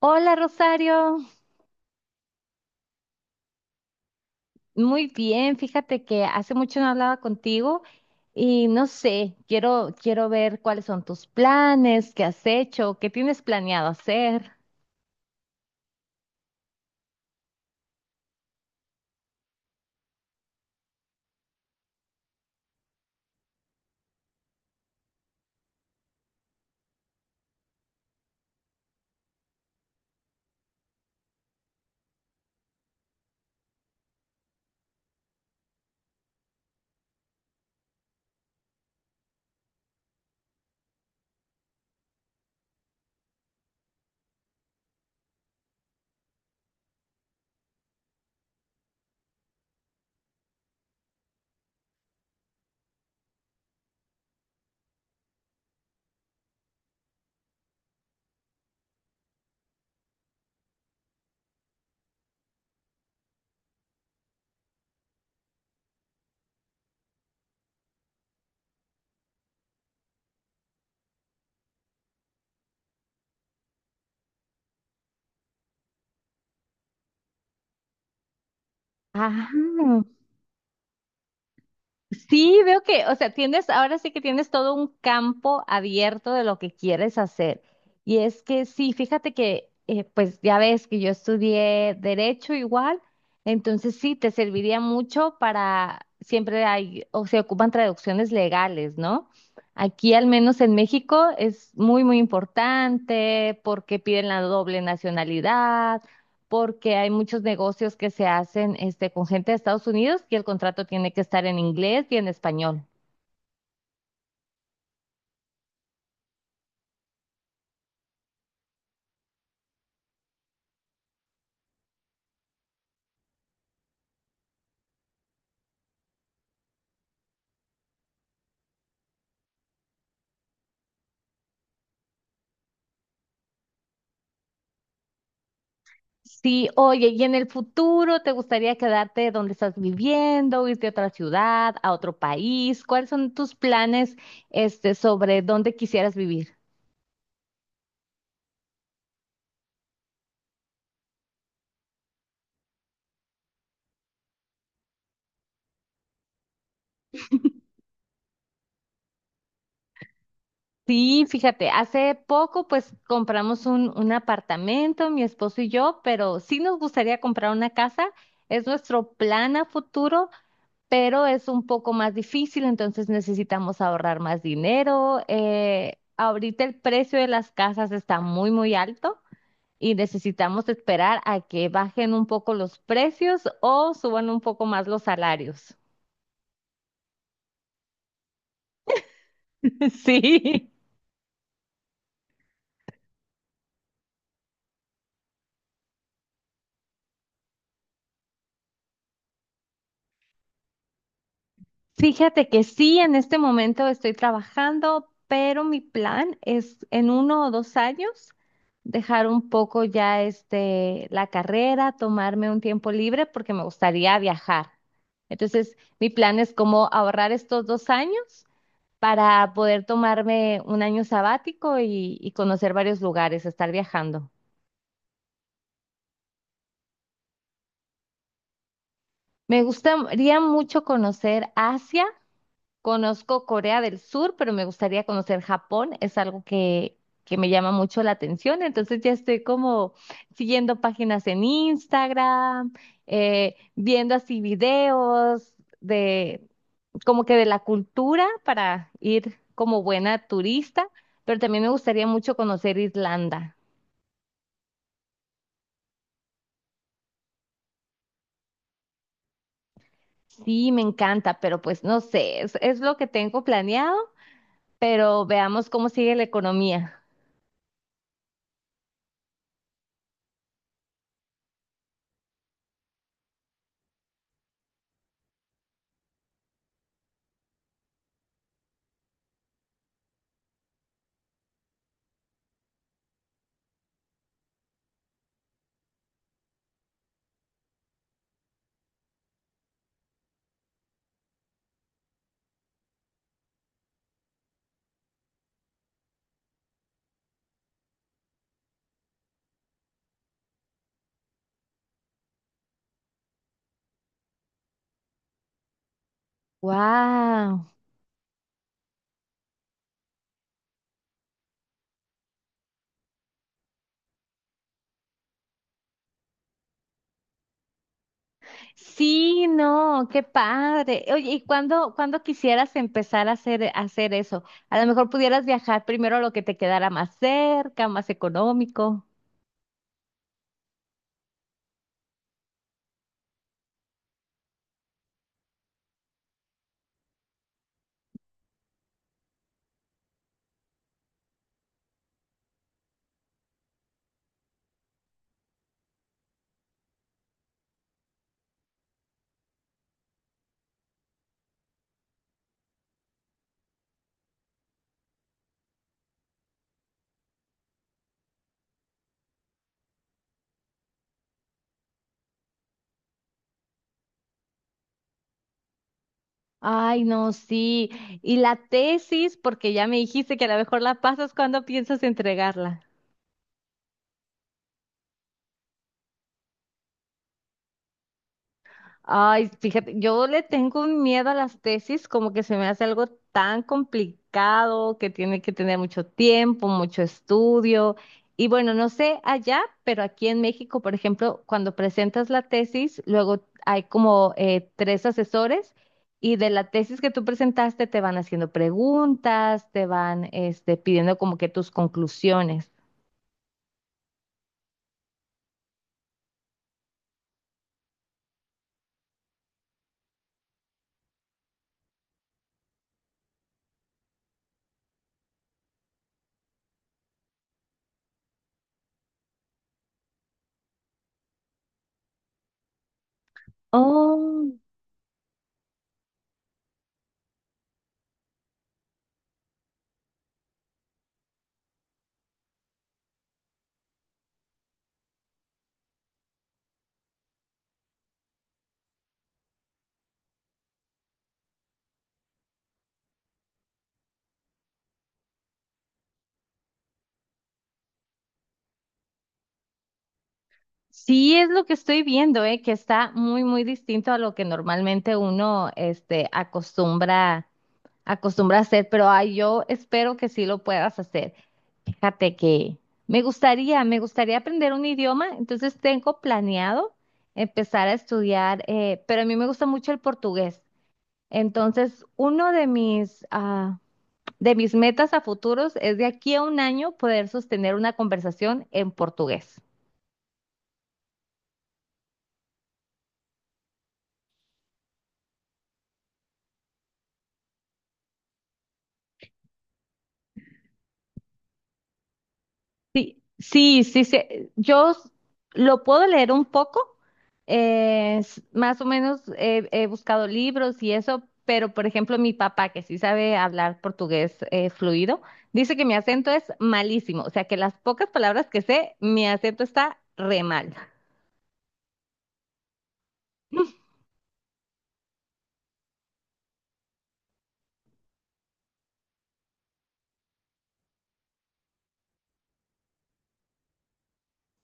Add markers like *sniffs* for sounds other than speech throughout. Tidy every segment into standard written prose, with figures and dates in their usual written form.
Hola, Rosario, muy bien, fíjate que hace mucho no hablaba contigo y no sé, quiero ver cuáles son tus planes, qué has hecho, qué tienes planeado hacer. Ah, sí, veo que, o sea, tienes, ahora sí que tienes todo un campo abierto de lo que quieres hacer. Y es que sí, fíjate que, pues ya ves que yo estudié derecho igual, entonces sí, te serviría mucho para, siempre hay, o se ocupan traducciones legales, ¿no? Aquí, al menos en México, es muy, muy importante porque piden la doble nacionalidad porque hay muchos negocios que se hacen este, con gente de Estados Unidos y el contrato tiene que estar en inglés y en español. Sí, oye, ¿y en el futuro te gustaría quedarte donde estás viviendo, irte a otra ciudad, a otro país? ¿Cuáles son tus planes, este, sobre dónde quisieras vivir? Sí, fíjate, hace poco pues compramos un apartamento, mi esposo y yo, pero sí nos gustaría comprar una casa. Es nuestro plan a futuro, pero es un poco más difícil, entonces necesitamos ahorrar más dinero. Ahorita el precio de las casas está muy, muy alto y necesitamos esperar a que bajen un poco los precios o suban un poco más los salarios. *laughs* Sí. Fíjate que sí, en este momento estoy trabajando, pero mi plan es en 1 o 2 años dejar un poco ya este la carrera, tomarme un tiempo libre porque me gustaría viajar. Entonces, mi plan es como ahorrar estos 2 años para poder tomarme un año sabático y conocer varios lugares, estar viajando. Me gustaría mucho conocer Asia. Conozco Corea del Sur, pero me gustaría conocer Japón. Es algo que me llama mucho la atención. Entonces ya estoy como siguiendo páginas en Instagram, viendo así videos de como que de la cultura para ir como buena turista, pero también me gustaría mucho conocer Irlanda. Sí, me encanta, pero pues no sé, es lo que tengo planeado, pero veamos cómo sigue la economía. Wow. Sí, no, qué padre. Oye, ¿y cuándo quisieras empezar a hacer eso? A lo mejor pudieras viajar primero a lo que te quedara más cerca, más económico. Ay, no, sí. Y la tesis, porque ya me dijiste que a lo mejor la pasas cuando piensas entregarla. Ay, fíjate, yo le tengo un miedo a las tesis, como que se me hace algo tan complicado, que tiene que tener mucho tiempo, mucho estudio. Y bueno, no sé allá, pero aquí en México, por ejemplo, cuando presentas la tesis, luego hay como 3 asesores y de la tesis que tú presentaste te van haciendo preguntas, te van este, pidiendo como que tus conclusiones. Oh. Sí, es lo que estoy viendo, que está muy, muy distinto a lo que normalmente uno, este, acostumbra a hacer, pero ay, yo espero que sí lo puedas hacer. Fíjate que me gustaría aprender un idioma, entonces tengo planeado empezar a estudiar, pero a mí me gusta mucho el portugués. Entonces, uno de de mis metas a futuros es de aquí a un año poder sostener una conversación en portugués. Sí, sí, sí. Yo lo puedo leer un poco, más o menos he buscado libros y eso, pero por ejemplo mi papá, que sí sabe hablar portugués fluido, dice que mi acento es malísimo, o sea que las pocas palabras que sé, mi acento está re mal. *sniffs*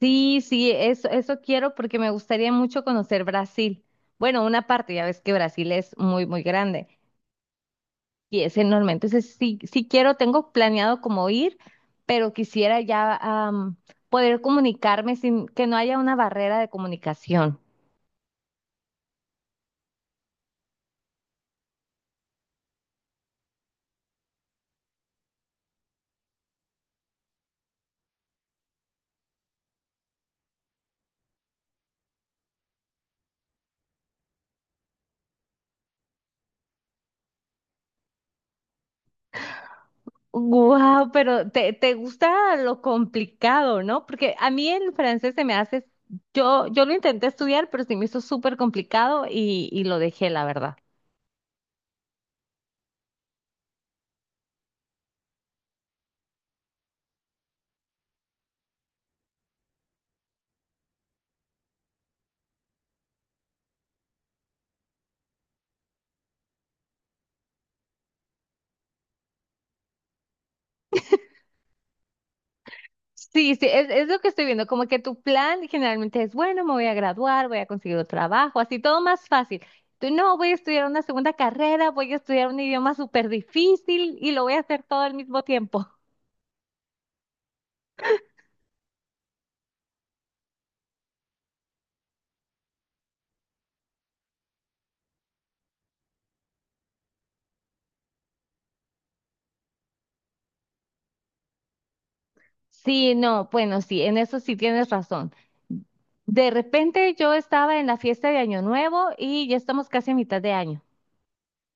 Sí, sí, eso quiero porque me gustaría mucho conocer Brasil. Bueno, una parte, ya ves que Brasil es muy, muy grande. Y es enorme. Entonces, sí, sí quiero, tengo planeado como ir, pero quisiera ya am, poder comunicarme sin que no haya una barrera de comunicación. Wow, pero te gusta lo complicado, ¿no? Porque a mí el francés se me hace, yo lo intenté estudiar, pero se me hizo súper complicado y lo dejé, la verdad. Sí, sí, es lo que estoy viendo, como que tu plan generalmente es, bueno, me voy a graduar, voy a conseguir un trabajo, así todo más fácil. Tú no, voy a estudiar una segunda carrera, voy a estudiar un idioma súper difícil y lo voy a hacer todo al mismo tiempo. Sí, no, bueno, sí, en eso sí tienes razón. De repente yo estaba en la fiesta de Año Nuevo y ya estamos casi a mitad de año.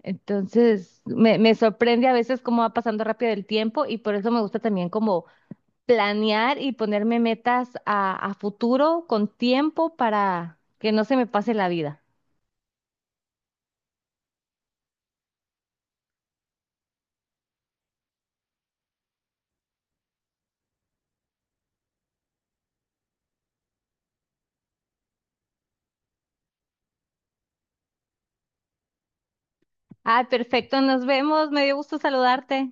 Entonces, me sorprende a veces cómo va pasando rápido el tiempo y por eso me gusta también como planear y ponerme metas a futuro con tiempo para que no se me pase la vida. Ay, perfecto, nos vemos. Me dio gusto saludarte.